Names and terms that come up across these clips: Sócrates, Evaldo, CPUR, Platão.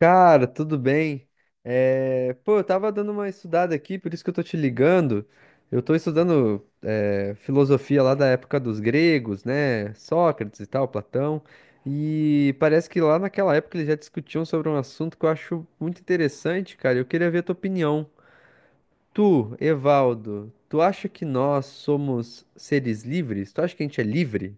Cara, tudo bem? Pô, eu tava dando uma estudada aqui, por isso que eu tô te ligando. Eu tô estudando filosofia lá da época dos gregos, né? Sócrates e tal, Platão. E parece que lá naquela época eles já discutiam sobre um assunto que eu acho muito interessante, cara. Eu queria ver a tua opinião. Tu, Evaldo, tu acha que nós somos seres livres? Tu acha que a gente é livre?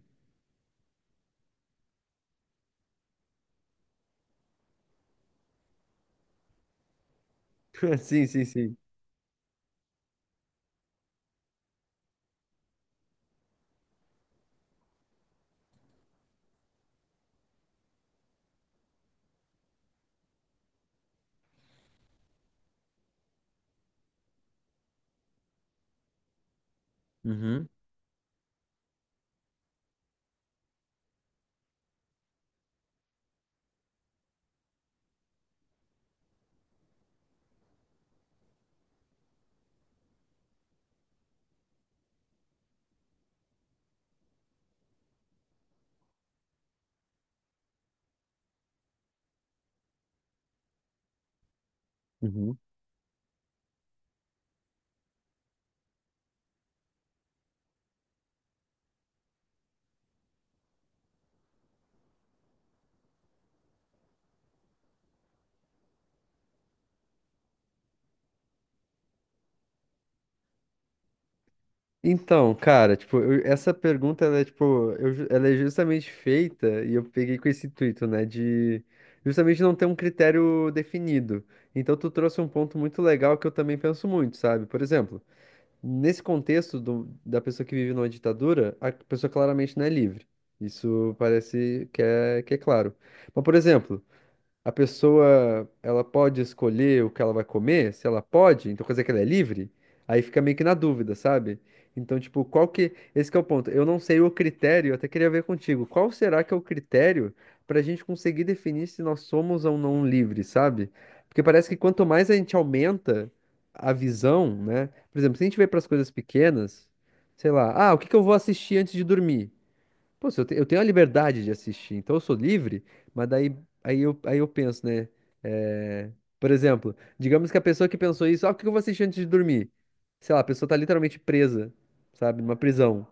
Sim, sim, sim. Uhum. Uhum. Então, cara, tipo, essa pergunta, ela é, tipo, ela é justamente feita, e eu peguei com esse intuito, né, de justamente não ter um critério definido. Então, tu trouxe um ponto muito legal que eu também penso muito, sabe? Por exemplo, nesse contexto da pessoa que vive numa ditadura, a pessoa claramente não é livre. Isso parece que é claro. Mas, por exemplo, a pessoa ela pode escolher o que ela vai comer, se ela pode, então quer dizer que ela é livre, aí fica meio que na dúvida, sabe? Então, tipo, qual que. Esse que é o ponto. Eu não sei o critério, eu até queria ver contigo. Qual será que é o critério pra gente conseguir definir se nós somos ou não livres, sabe? Porque parece que quanto mais a gente aumenta a visão, né? Por exemplo, se a gente vê para as coisas pequenas, sei lá, ah, o que que eu vou assistir antes de dormir? Pô, se eu, te- eu tenho a liberdade de assistir, então eu sou livre, mas daí aí eu penso, né? eh, por exemplo, digamos que a pessoa que pensou isso, ah, o que eu vou assistir antes de dormir? Sei lá, a pessoa tá literalmente presa, sabe, numa prisão.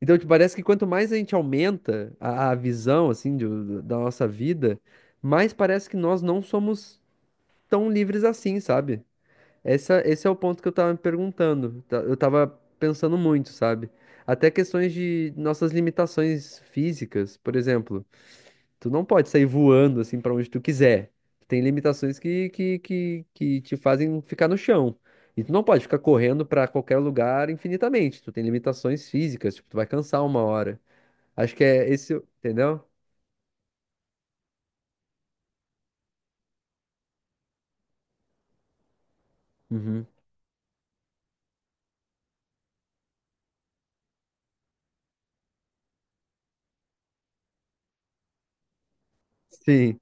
Então, te parece que quanto mais a gente aumenta a visão, assim, da nossa vida, mais parece que nós não somos tão livres assim, sabe? Esse é o ponto que eu tava me perguntando. Eu tava pensando muito, sabe? Até questões de nossas limitações físicas, por exemplo, tu não pode sair voando assim pra onde tu quiser. Tem limitações que te fazem ficar no chão. E tu não pode ficar correndo pra qualquer lugar infinitamente. Tu tem limitações físicas, tipo, tu vai cansar uma hora. Acho que é esse, entendeu? Uhum. Sim.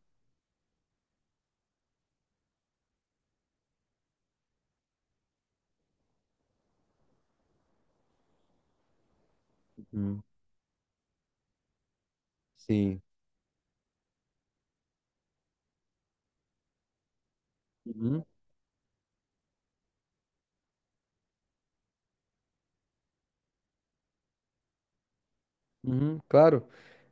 Uhum. Sim. Uhum. Uhum. Claro.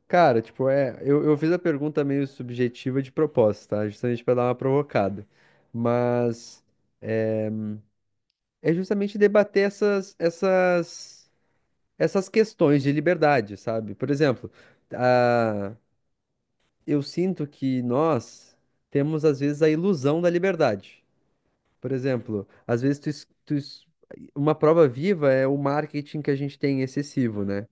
Cara, tipo, eu fiz a pergunta meio subjetiva de propósito, tá? Justamente pra dar uma provocada. Mas é justamente debater essas questões de liberdade, sabe? Por exemplo, a, eu sinto que nós temos, às vezes, a ilusão da liberdade. Por exemplo, às vezes uma prova viva é o marketing que a gente tem excessivo, né?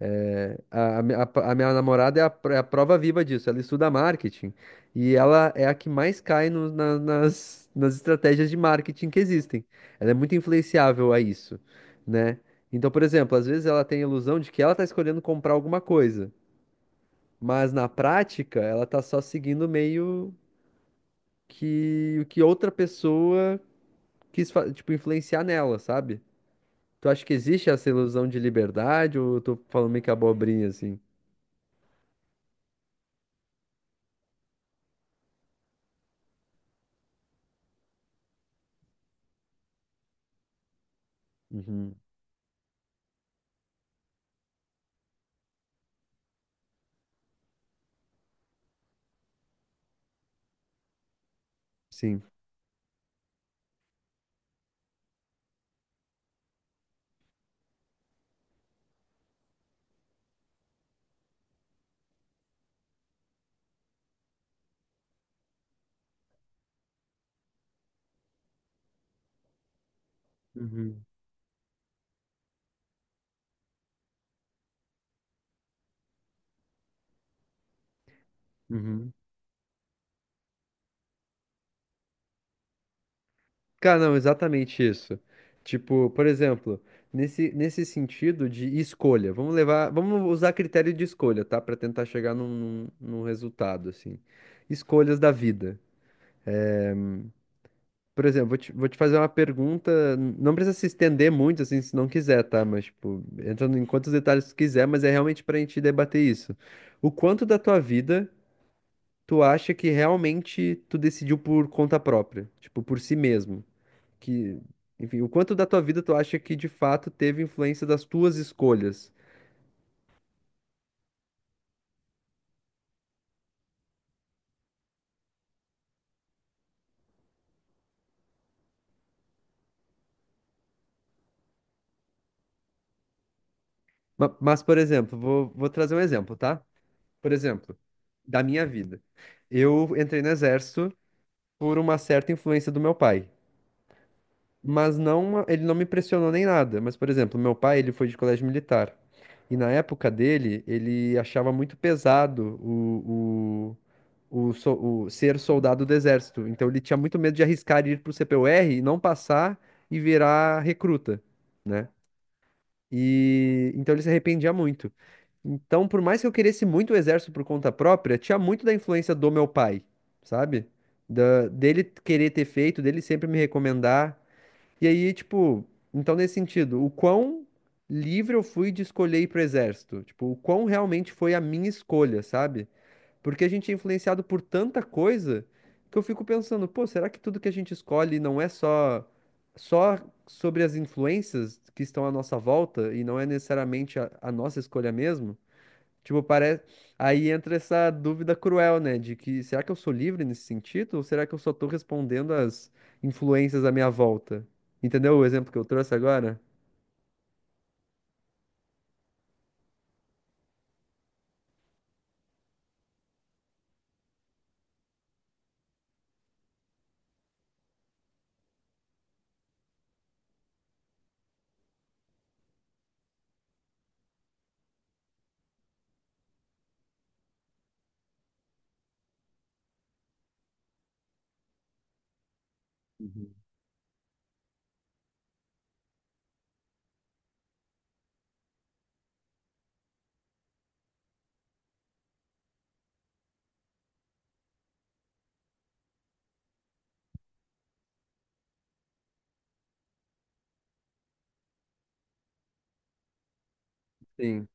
É, a minha namorada é a prova viva disso. Ela estuda marketing e ela é a que mais cai nas estratégias de marketing que existem. Ela é muito influenciável a isso, né? Então, por exemplo, às vezes ela tem a ilusão de que ela está escolhendo comprar alguma coisa, mas na prática ela está só seguindo meio que o que outra pessoa quis, tipo, influenciar nela, sabe? Tu acha que existe essa ilusão de liberdade ou eu tô falando meio que abobrinha assim? Uhum, Sim. Uhum, uhum. Cara, não, exatamente isso. Tipo, por exemplo, nesse sentido de escolha, vamos levar, vamos usar critério de escolha, tá? Pra tentar chegar num resultado, assim. Escolhas da vida. Por exemplo, vou te fazer uma pergunta, não precisa se estender muito, assim, se não quiser, tá? Mas, tipo, entrando em quantos detalhes tu quiser, mas é realmente pra gente debater isso. O quanto da tua vida tu acha que realmente tu decidiu por conta própria? Tipo, por si mesmo? Que, enfim, o quanto da tua vida tu acha que de fato teve influência das tuas escolhas? Mas, por exemplo, vou trazer um exemplo, tá? Por exemplo, da minha vida. Eu entrei no exército por uma certa influência do meu pai. Mas não, ele não me pressionou nem nada. Mas, por exemplo, meu pai, ele foi de colégio militar. E na época dele, ele achava muito pesado o, o, so- o ser soldado do exército. Então ele tinha muito medo de arriscar ir pro CPUR e não passar e virar recruta, né? E então ele se arrependia muito. Então, por mais que eu queresse muito o exército por conta própria, tinha muito da influência do meu pai, sabe? Dele querer ter feito, dele sempre me recomendar. E aí, tipo, então nesse sentido, o quão livre eu fui de escolher ir pro exército? Tipo, o quão realmente foi a minha escolha, sabe? Porque a gente é influenciado por tanta coisa que eu fico pensando, pô, será que tudo que a gente escolhe não é só só sobre as influências que estão à nossa volta e não é necessariamente a nossa escolha mesmo? Tipo, parece. Aí entra essa dúvida cruel, né? De que será que eu sou livre nesse sentido? Ou será que eu só tô respondendo às influências à minha volta? Entendeu o exemplo que eu trouxe agora? Sim.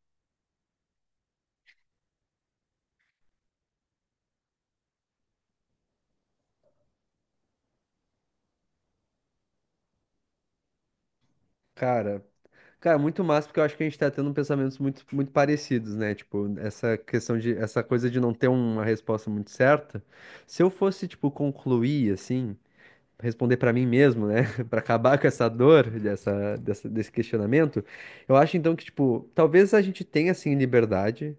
Cara. Cara, muito massa, porque eu acho que a gente tá tendo pensamentos muito parecidos, né? Tipo, essa questão de, essa coisa de não ter uma resposta muito certa. Se eu fosse, tipo, concluir, assim. Responder para mim mesmo, né? Para acabar com essa dor, desse questionamento, eu acho então que, tipo, talvez a gente tenha assim liberdade,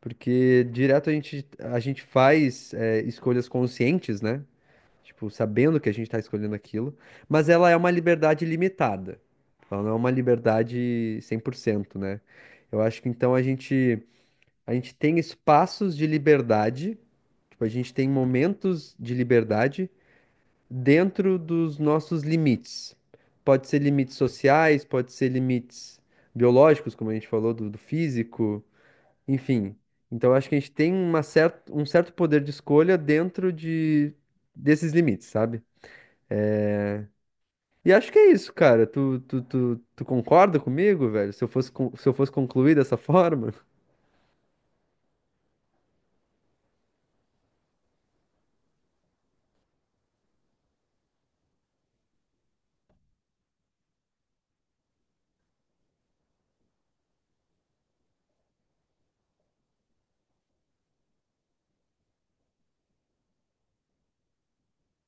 porque direto a gente faz escolhas conscientes, né? Tipo, sabendo que a gente está escolhendo aquilo, mas ela é uma liberdade limitada. Ela não é uma liberdade 100%, né? Eu acho que então a gente tem espaços de liberdade, tipo, a gente tem momentos de liberdade dentro dos nossos limites. Pode ser limites sociais, pode ser limites biológicos, como a gente falou, do físico, enfim. Então, acho que a gente tem uma um certo poder de escolha dentro de, desses limites, sabe? E acho que é isso, cara. Tu concorda comigo, velho? Se eu fosse, se eu fosse concluir dessa forma?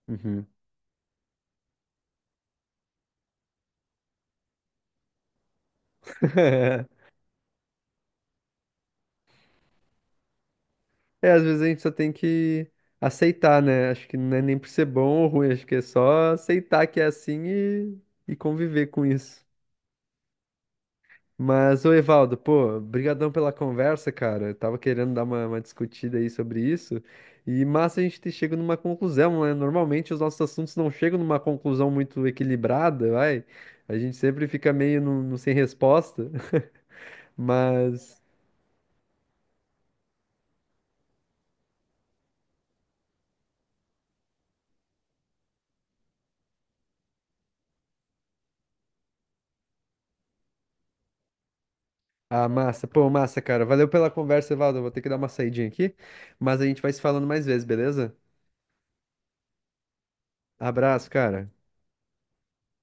Uhum. É, às vezes a gente só tem que aceitar, né? Acho que não é nem por ser bom ou ruim, acho que é só aceitar que é assim e conviver com isso. Mas, ô Evaldo, pô, brigadão pela conversa, cara. Eu tava querendo dar uma discutida aí sobre isso. E massa a gente ter chegado numa conclusão, né? Normalmente os nossos assuntos não chegam numa conclusão muito equilibrada, vai. A gente sempre fica meio no sem resposta. Mas ah, massa. Pô, massa, cara. Valeu pela conversa, Evaldo. Eu vou ter que dar uma saidinha aqui, mas a gente vai se falando mais vezes, beleza? Abraço, cara.